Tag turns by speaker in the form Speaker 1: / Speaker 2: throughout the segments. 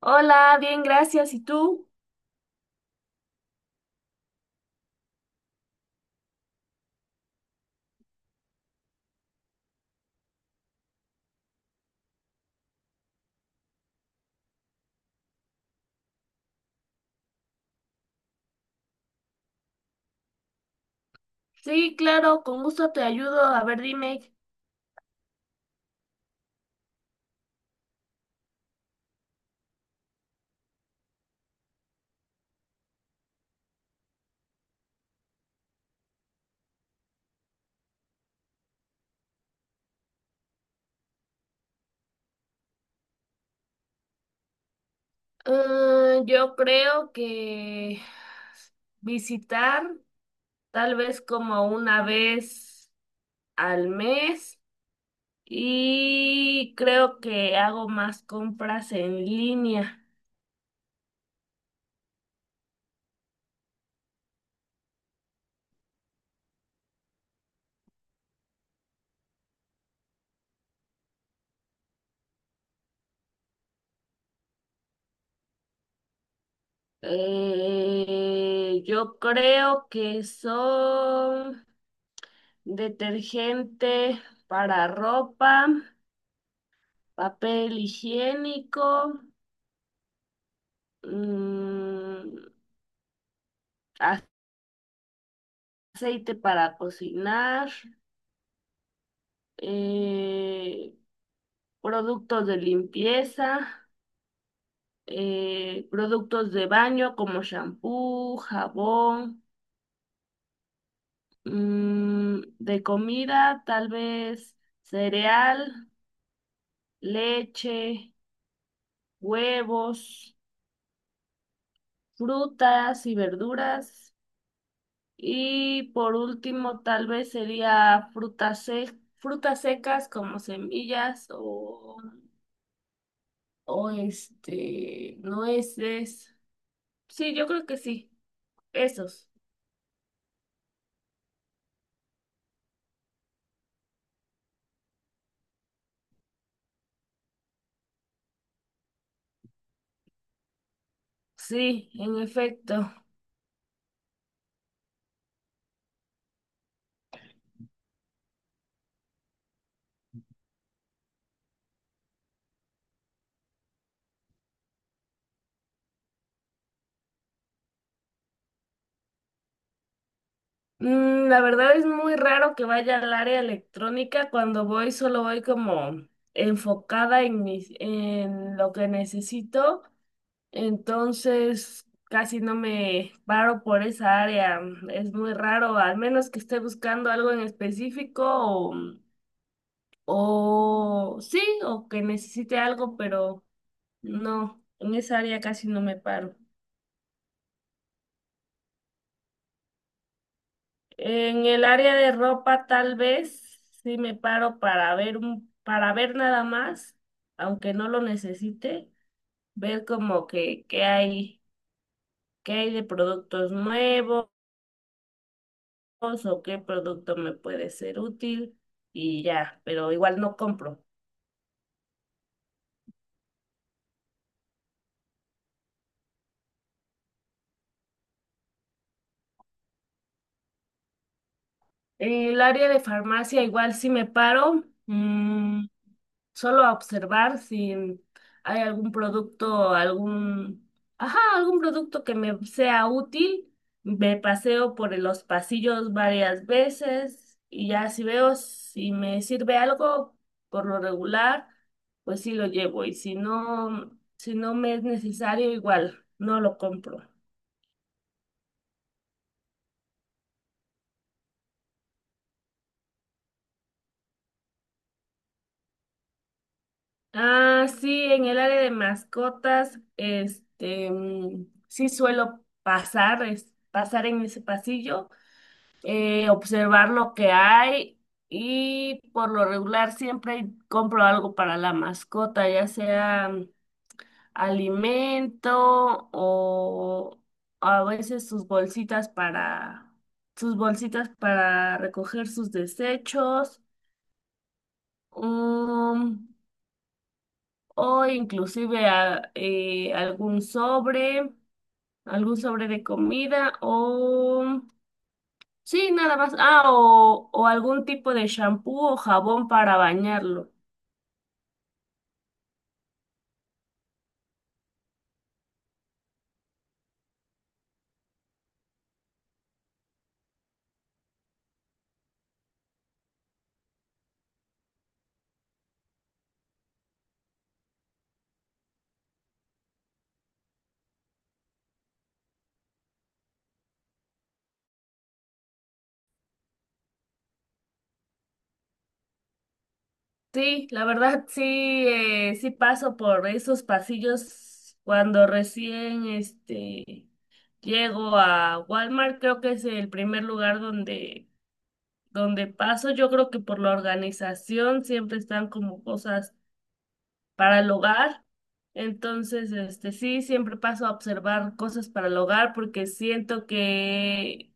Speaker 1: Hola, bien, gracias. ¿Y tú? Sí, claro, con gusto te ayudo. A ver, dime. Yo creo que visitar tal vez como una vez al mes y creo que hago más compras en línea. Yo creo que son detergente para ropa, papel higiénico. mm, aceite para cocinar, eh, productos de limpieza, productos de baño como shampoo, jabón, de comida, tal vez cereal, leche, huevos, frutas y verduras. Y por último, tal vez sería frutas secas como semillas o nueces. Sí, yo creo que sí. Esos. Sí, en efecto. La verdad es muy raro que vaya al área electrónica. Cuando voy, solo voy como enfocada en en lo que necesito. Entonces, casi no me paro por esa área. Es muy raro, al menos que esté buscando algo en específico o sí, o que necesite algo, pero. No, en esa área casi no me paro. En el área de ropa tal vez sí me paro para para ver nada más, aunque no lo necesite, ver como que qué hay de productos nuevos o qué producto me puede ser útil y ya, pero igual no compro. En el área de farmacia igual sí me paro. Solo a observar si hay algún producto, ajá, algún producto que me sea útil. Me paseo por los pasillos varias veces y ya si veo si me sirve algo por lo regular, pues sí lo llevo y si no, me es necesario, igual no lo compro. Ah, sí, en el área de mascotas, sí suelo pasar en ese pasillo, observar lo que hay y por lo regular siempre compro algo para la mascota, ya sea alimento o a veces sus bolsitas para recoger sus desechos, um, o inclusive algún sobre de comida o sí, nada más. Ah, o algún tipo de shampoo o jabón para bañarlo. Sí, la verdad sí, sí paso por esos pasillos cuando recién llego a Walmart, creo que es el primer lugar donde paso. Yo creo que por la organización siempre están como cosas para el hogar. Entonces, sí, siempre paso a observar cosas para el hogar porque siento que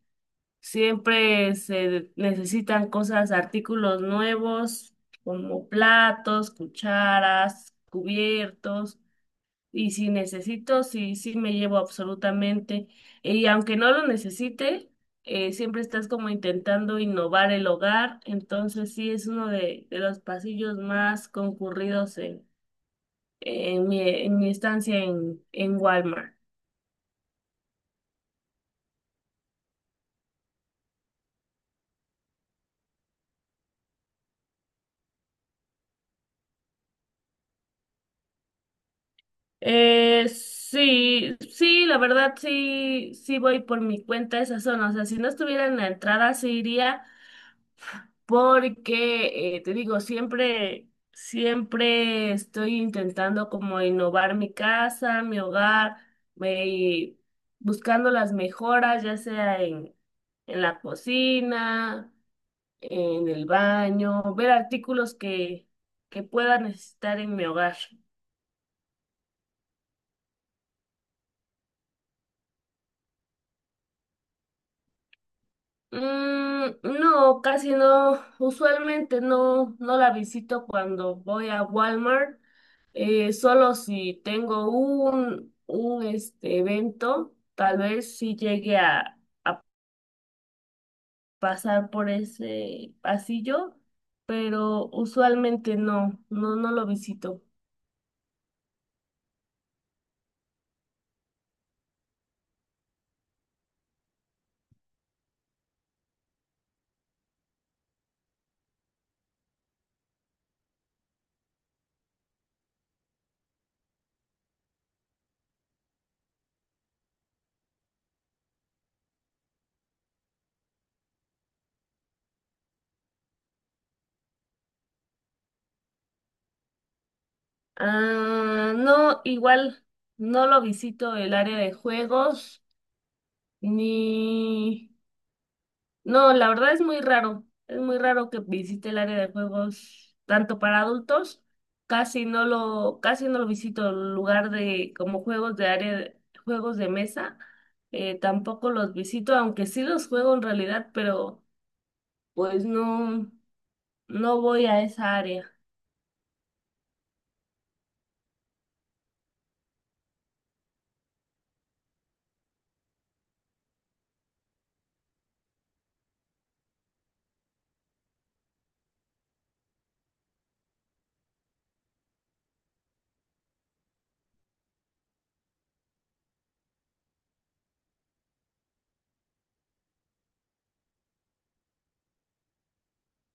Speaker 1: siempre se necesitan cosas, artículos nuevos, como platos, cucharas, cubiertos. Y si necesito, sí, sí me llevo absolutamente. Y aunque no lo necesite, siempre estás como intentando innovar el hogar. Entonces sí es uno de los pasillos más concurridos en, en mi estancia en Walmart. Sí, sí, la verdad sí, sí voy por mi cuenta a esa zona. O sea, si no estuviera en la entrada, sí iría porque, te digo, siempre estoy intentando como innovar mi casa, mi hogar, y buscando las mejoras, ya sea en la cocina, en el baño, ver artículos que pueda necesitar en mi hogar. Mm, no, casi no. Usualmente no la visito cuando voy a Walmart. Solo si tengo un, un evento, tal vez sí llegue a pasar por ese pasillo, pero usualmente no, no, no lo visito. Ah, no, igual no lo visito el área de juegos, ni. No, la verdad es muy raro. Es muy raro que visite el área de juegos tanto para adultos. Casi no lo visito. El lugar de como juegos de área, juegos de mesa, tampoco los visito, aunque sí los juego en realidad, pero pues no, no voy a esa área.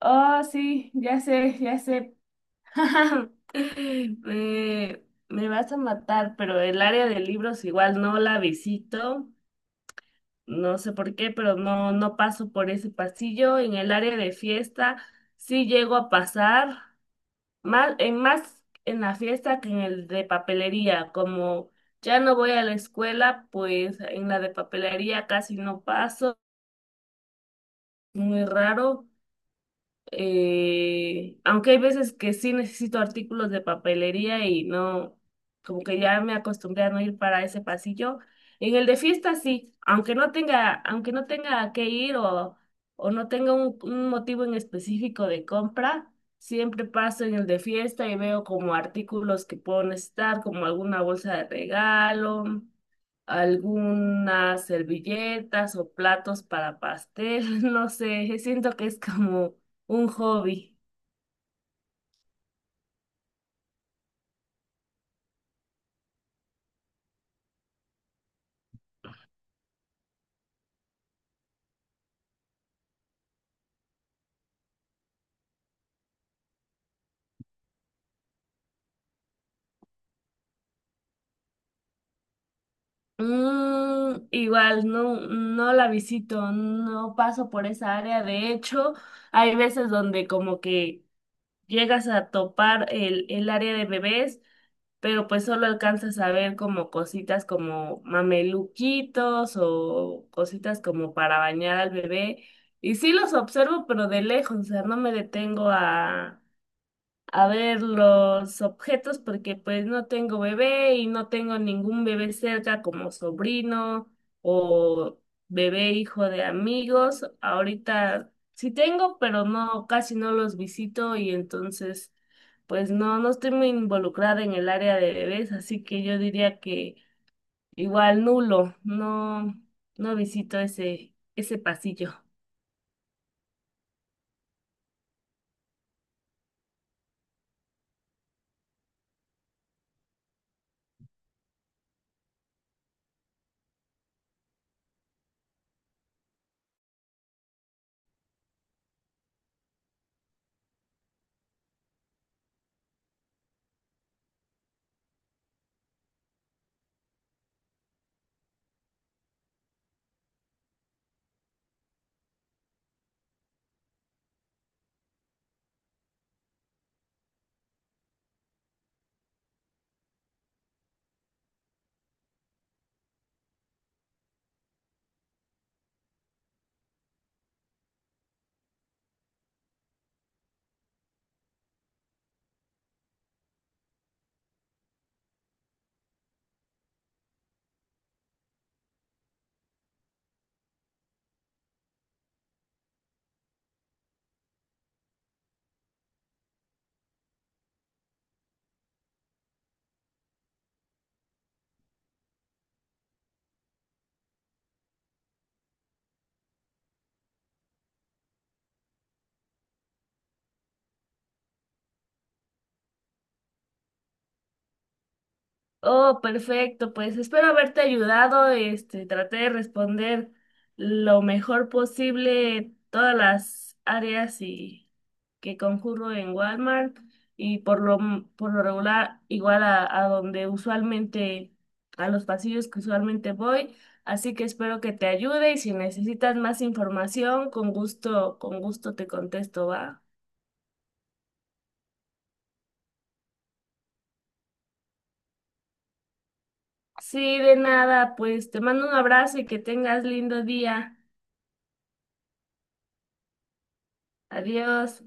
Speaker 1: Oh, sí, ya sé, ya sé. Me vas a matar, pero el área de libros igual no la visito. No sé por qué, pero no, no paso por ese pasillo. En el área de fiesta sí llego a pasar más en la fiesta que en el de papelería. Como ya no voy a la escuela, pues en la de papelería casi no paso, muy raro. Aunque hay veces que sí necesito artículos de papelería y no, como que ya me acostumbré a no ir para ese pasillo. En el de fiesta sí, aunque no tenga que ir o no tenga un motivo en específico de compra, siempre paso en el de fiesta y veo como artículos que puedo necesitar, como alguna bolsa de regalo, algunas servilletas o platos para pastel, no sé, siento que es como un hobby. Igual, no, no la visito, no paso por esa área. De hecho, hay veces donde como que llegas a topar el área de bebés, pero pues solo alcanzas a ver como cositas como mameluquitos o cositas como para bañar al bebé. Y sí los observo, pero de lejos, o sea, no me detengo a ver, los objetos, porque pues no tengo bebé y no tengo ningún bebé cerca como sobrino o bebé hijo de amigos. Ahorita sí tengo, pero no, casi no los visito y entonces pues no, no estoy muy involucrada en el área de bebés, así que yo diría que igual nulo, no, no visito ese pasillo. Oh, perfecto, pues espero haberte ayudado. Traté de responder lo mejor posible todas las áreas y que concurro en Walmart y por lo regular igual a donde usualmente a los pasillos que usualmente voy. Así que espero que te ayude y si necesitas más información, con gusto te contesto, ¿va? Sí, de nada, pues te mando un abrazo y que tengas lindo día. Adiós.